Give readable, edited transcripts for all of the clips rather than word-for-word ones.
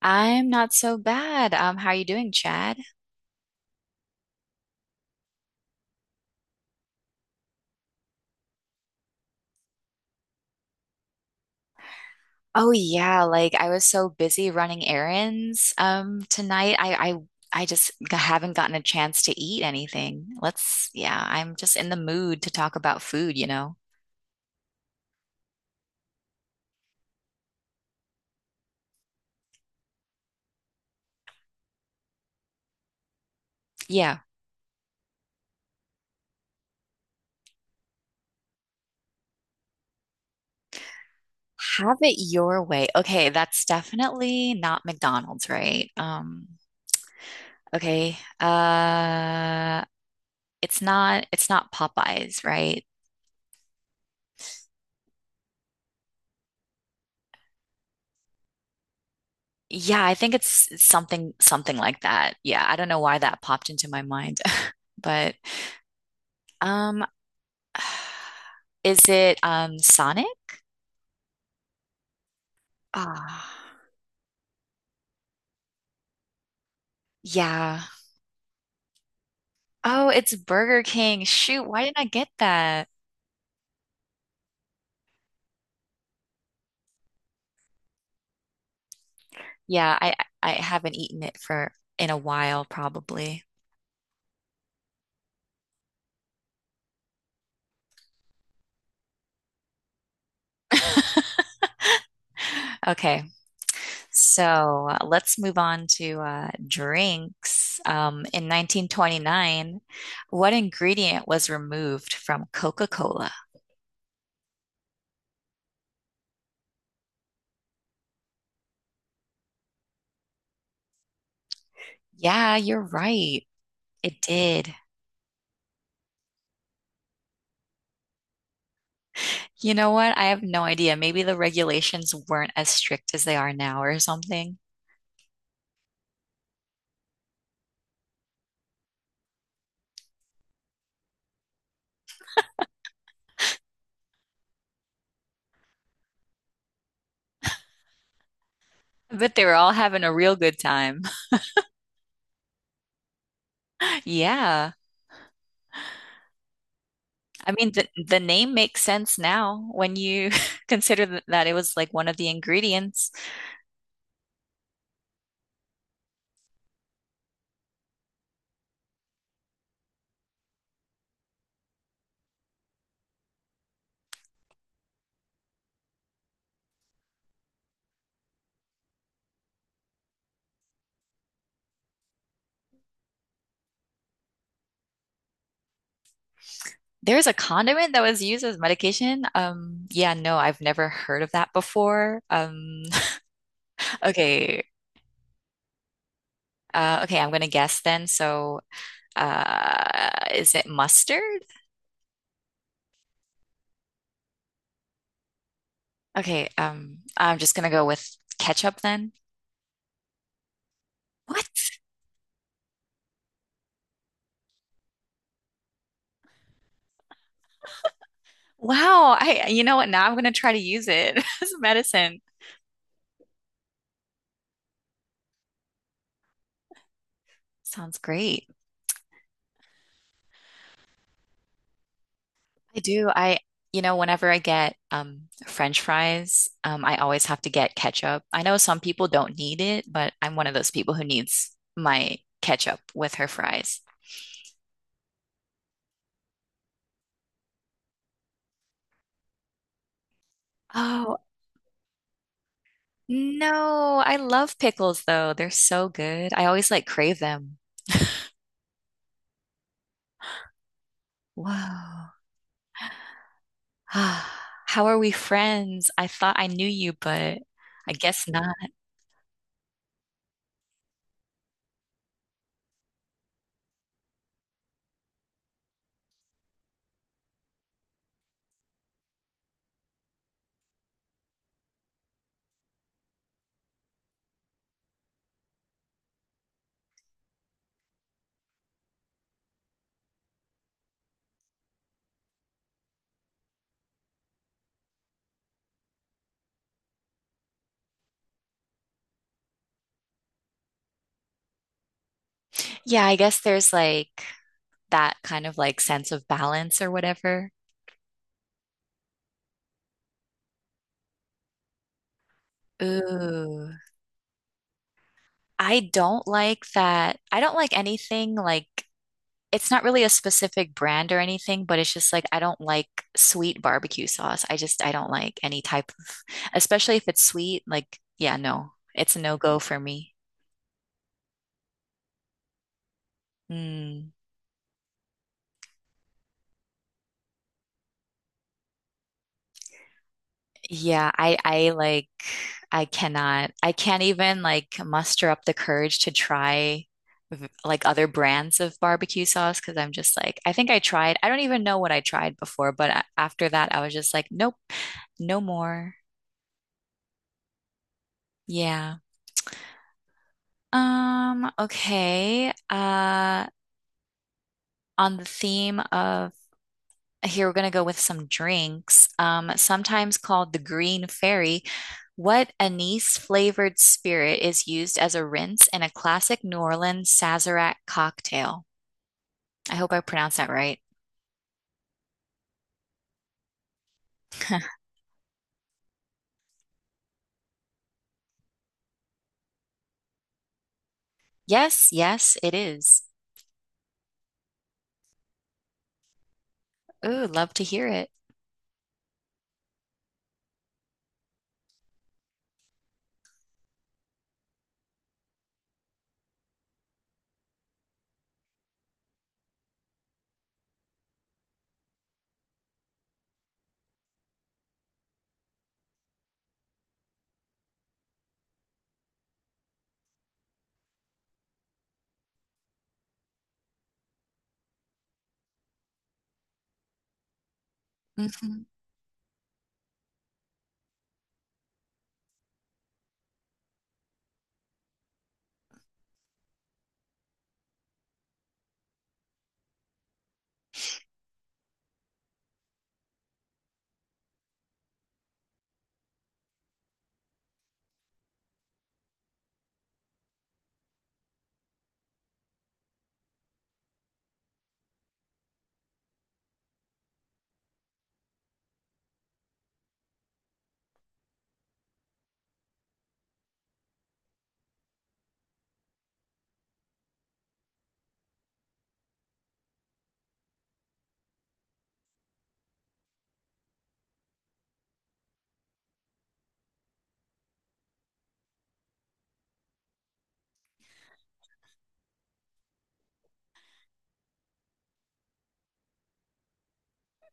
I'm not so bad. How are you doing, Chad? Oh yeah, like I was so busy running errands tonight. I I just haven't gotten a chance to eat anything. Yeah, I'm just in the mood to talk about food, you know? Yeah. Have it your way. Okay, that's definitely not McDonald's, right? Okay. Uh, it's not Popeyes, right? Yeah, I think it's something like that. Yeah, I don't know why that popped into my mind, but um is it Sonic? Ah, yeah. Oh, it's Burger King. Shoot, why didn't I get that? Yeah, I haven't eaten it for in a while probably. Okay. So, let's move on to drinks. In 1929, what ingredient was removed from Coca-Cola? Yeah, you're right. It did. You know what? I have no idea. Maybe the regulations weren't as strict as they are now or something. But they were all having a real good time. Yeah. I mean, the name makes sense now when you consider that it was like one of the ingredients. There's a condiment that was used as medication. Yeah, no, I've never heard of that before. Okay. Okay, I'm gonna guess then. So, is it mustard? Okay, I'm just gonna go with ketchup then. What? Wow, I you know what? Now I'm gonna try to use it as a medicine. Sounds great. I do. I You know, whenever I get French fries, I always have to get ketchup. I know some people don't need it, but I'm one of those people who needs my ketchup with her fries. Oh, no, I love pickles though. They're so good. I always like crave them. Whoa. How are we friends? I thought I knew you, but I guess not. Yeah, I guess there's like that kind of like sense of balance or whatever. Ooh. I don't like that. I don't like anything like it's not really a specific brand or anything, but it's just like I don't like sweet barbecue sauce. I don't like any type of, especially if it's sweet, like yeah, no. It's a no-go for me. Mm. Yeah, I like I cannot I can't even like muster up the courage to try like other brands of barbecue sauce because I'm just like I think I tried I don't even know what I tried before but after that I was just like nope, no more. Yeah. Okay. On the theme of here we're going to go with some drinks, sometimes called the Green Fairy. What anise flavored spirit is used as a rinse in a classic New Orleans Sazerac cocktail? I hope I pronounced that right. Yes, yes, it is. Ooh, love to hear it. Mhm.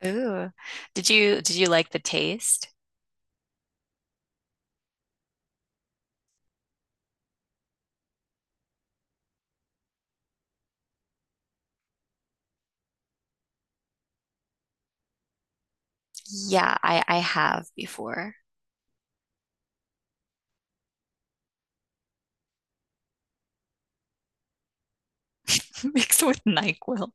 Ooh. Did you like the taste? Yeah, I have before. Mixed with NyQuil.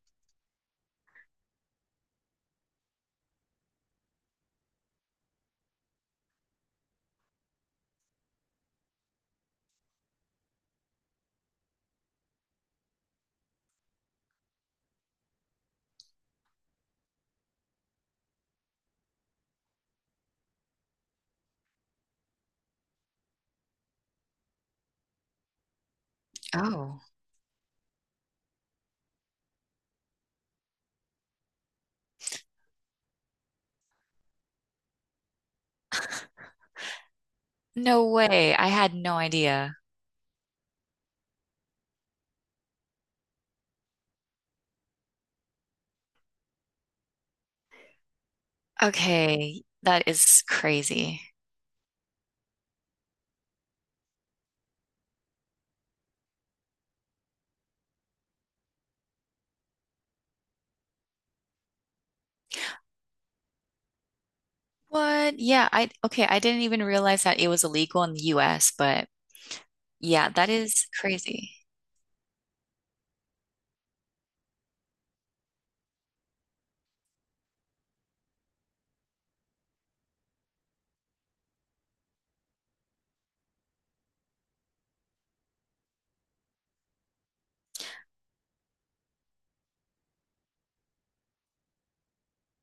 Oh. No way. I had no idea. Okay, that is crazy. What? Yeah, I okay, I didn't even realize that it was illegal in the US, but yeah, that is crazy.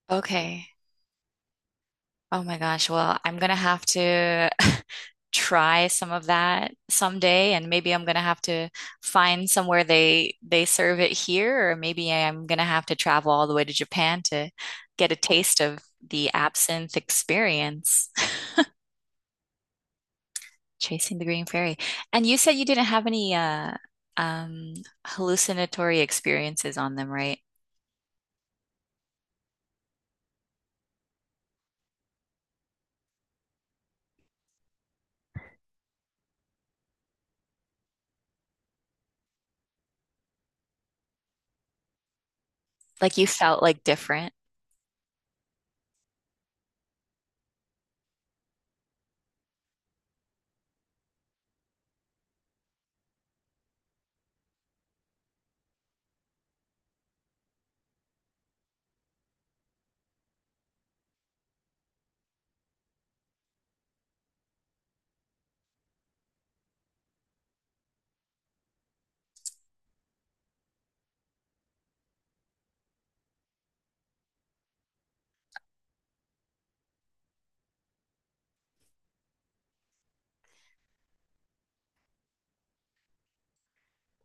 Okay. Oh my gosh. Well, I'm gonna have to try some of that someday, and maybe I'm gonna have to find somewhere they serve it here, or maybe I'm gonna have to travel all the way to Japan to get a taste of the absinthe experience. Chasing the Green Fairy. And you said you didn't have any um hallucinatory experiences on them, right? Like you felt like different.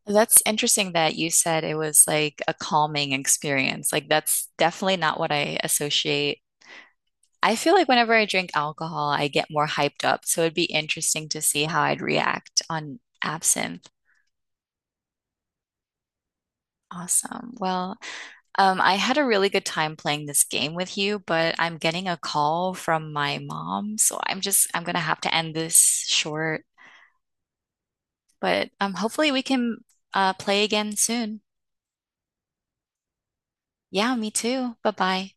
That's interesting that you said it was like a calming experience. Like, that's definitely not what I associate. I feel like whenever I drink alcohol, I get more hyped up. So it'd be interesting to see how I'd react on absinthe. Awesome. Well, I had a really good time playing this game with you, but I'm getting a call from my mom, so I'm gonna have to end this short. But hopefully we can play again soon. Yeah, me too. Bye bye.